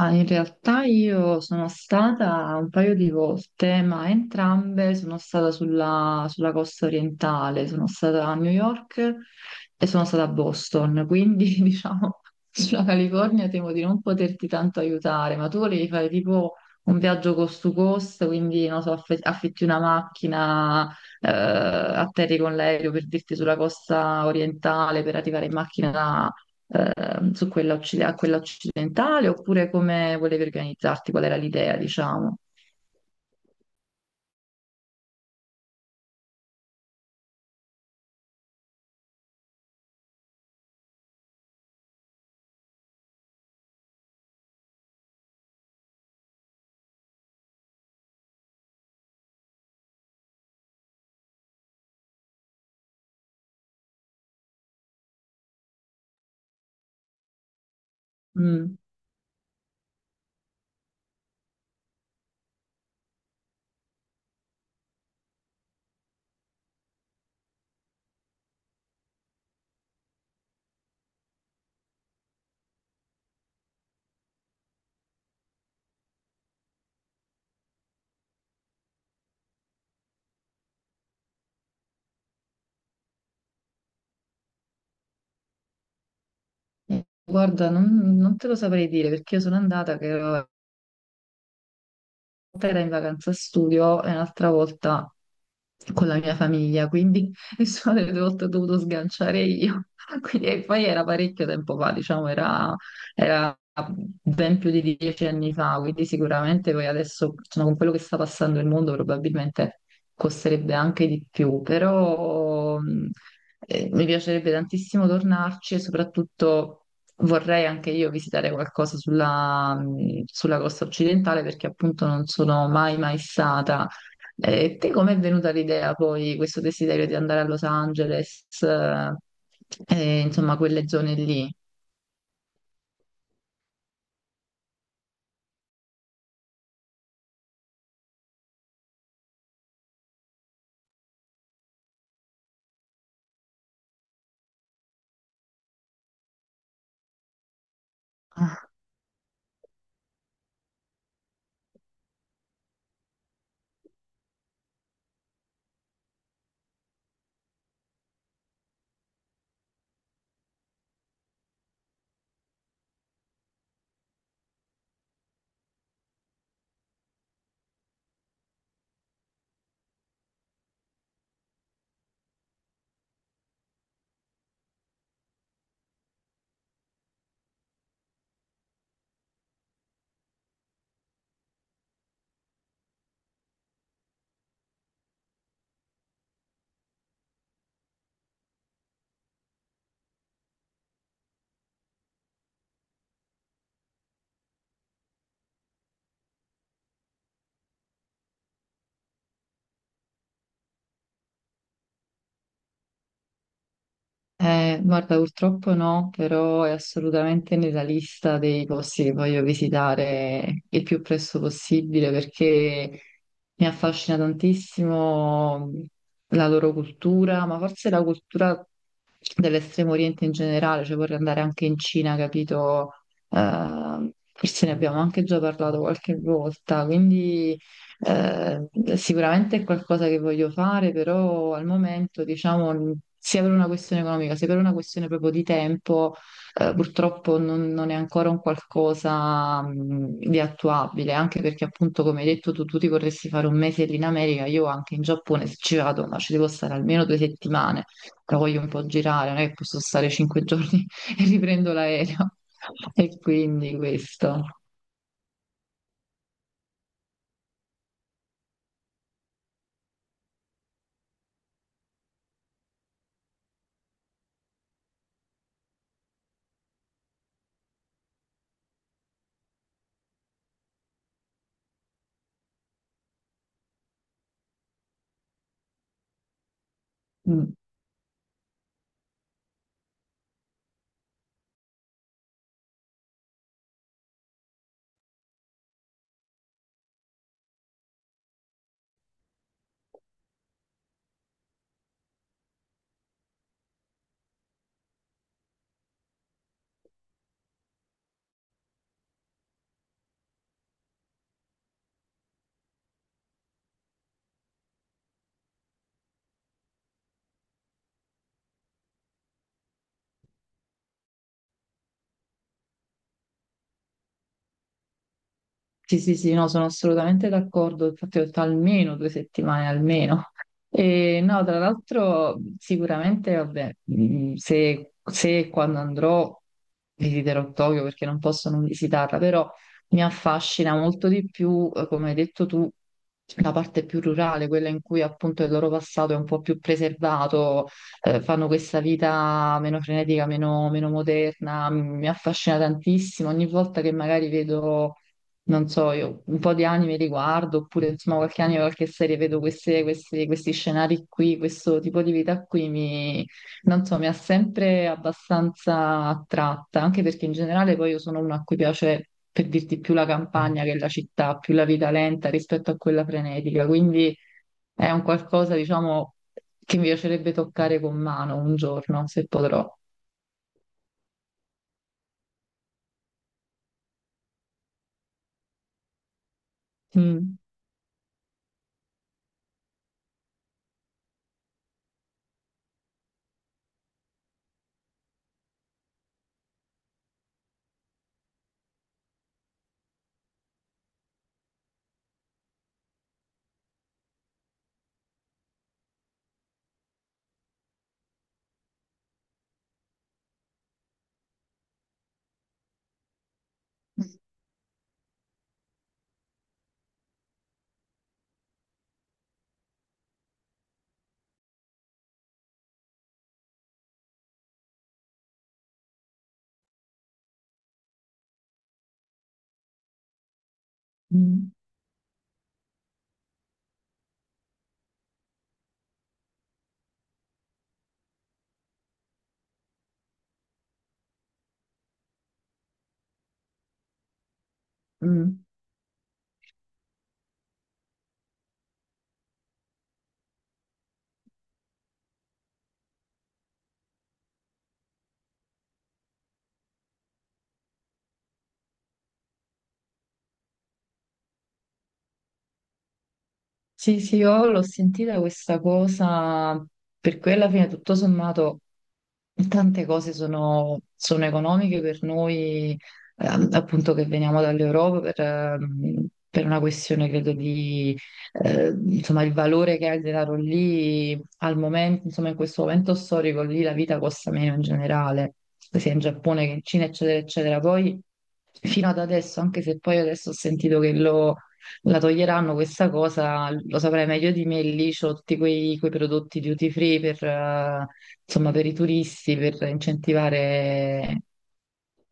Ah, in realtà io sono stata un paio di volte, ma entrambe sono stata sulla costa orientale, sono stata a New York e sono stata a Boston, quindi diciamo sulla California temo di non poterti tanto aiutare, ma tu volevi fare tipo un viaggio cost to cost, quindi non so, affitti una macchina, atterri con l'aereo per dirti sulla costa orientale per arrivare in macchina su a quella occidentale, oppure come volevi organizzarti, qual era l'idea, diciamo. Mm. Guarda, non te lo saprei dire perché io sono andata che ero volta era in vacanza studio e un'altra volta con la mia famiglia, quindi nessuna delle due volte ho dovuto sganciare io. Quindi, e poi era parecchio tempo fa, diciamo, era ben più di 10 anni fa, quindi sicuramente poi adesso, insomma, con quello che sta passando il mondo, probabilmente costerebbe anche di più, però mi piacerebbe tantissimo tornarci e soprattutto vorrei anche io visitare qualcosa sulla, sulla costa occidentale perché appunto non sono mai mai stata. Te com'è venuta l'idea poi, questo desiderio di andare a Los Angeles, e, insomma, quelle zone lì? Guarda, purtroppo no, però è assolutamente nella lista dei posti che voglio visitare il più presto possibile perché mi affascina tantissimo la loro cultura, ma forse la cultura dell'estremo oriente in generale, cioè vorrei andare anche in Cina, capito? Forse ne abbiamo anche già parlato qualche volta, quindi eh, sicuramente è qualcosa che voglio fare, però al momento, diciamo, sia per una questione economica, sia per una questione proprio di tempo, purtroppo non è ancora un qualcosa di attuabile, anche perché appunto, come hai detto, tu ti vorresti fare 1 mese lì in America, io anche in Giappone, se ci vado, ma ci devo stare almeno 2 settimane la voglio un po' girare, non è che posso stare 5 giorni e riprendo l'aereo. E quindi questo. Mm. Sì, sì, sì, no, sono assolutamente d'accordo, infatti ho detto almeno 2 settimane, almeno. E no, tra l'altro sicuramente, vabbè, se e quando andrò visiterò Tokyo perché non posso non visitarla, però mi affascina molto di più, come hai detto tu, la parte più rurale, quella in cui appunto il loro passato è un po' più preservato, fanno questa vita meno frenetica, meno moderna, mi affascina tantissimo, ogni volta che magari vedo non so, io un po' di anime li guardo, oppure insomma qualche anime, qualche serie, vedo questi scenari qui, questo tipo di vita qui, mi, non so, mi ha sempre abbastanza attratta, anche perché in generale poi io sono una a cui piace, per dirti, più la campagna che la città, più la vita lenta rispetto a quella frenetica, quindi è un qualcosa, diciamo, che mi piacerebbe toccare con mano un giorno, se potrò. Mm, mm, mm. Sì, sì, io l'ho sentita questa cosa, per cui alla fine tutto sommato tante cose sono, sono economiche per noi, appunto che veniamo dall'Europa per una questione, credo, di insomma il valore che ha il denaro lì al momento, insomma in questo momento storico lì la vita costa meno in generale, sia in Giappone che in Cina, eccetera, eccetera. Poi fino ad adesso, anche se poi adesso ho sentito che lo la toglieranno questa cosa, lo saprai meglio di me, lì c'ho tutti quei prodotti duty free per, insomma, per i turisti, per incentivare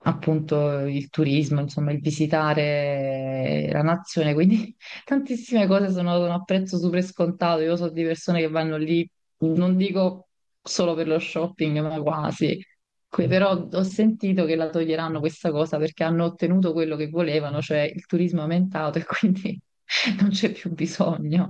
appunto il turismo, insomma, il visitare la nazione, quindi tantissime cose sono, sono a prezzo super scontato. Io so di persone che vanno lì non dico solo per lo shopping, ma quasi. Que- Però ho sentito che la toglieranno questa cosa perché hanno ottenuto quello che volevano, cioè il turismo è aumentato e quindi non c'è più bisogno.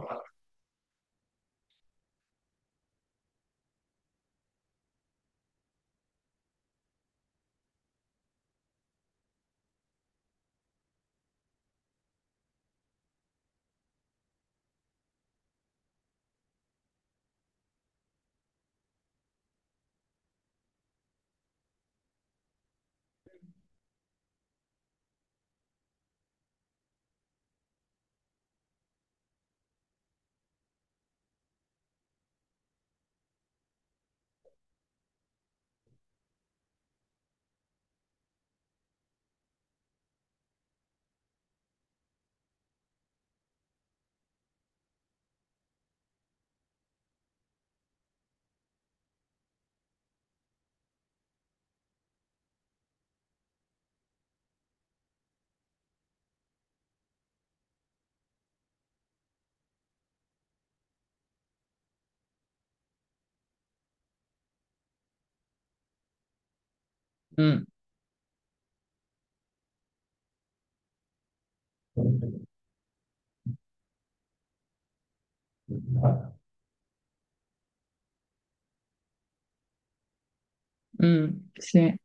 Mm, mm, sì.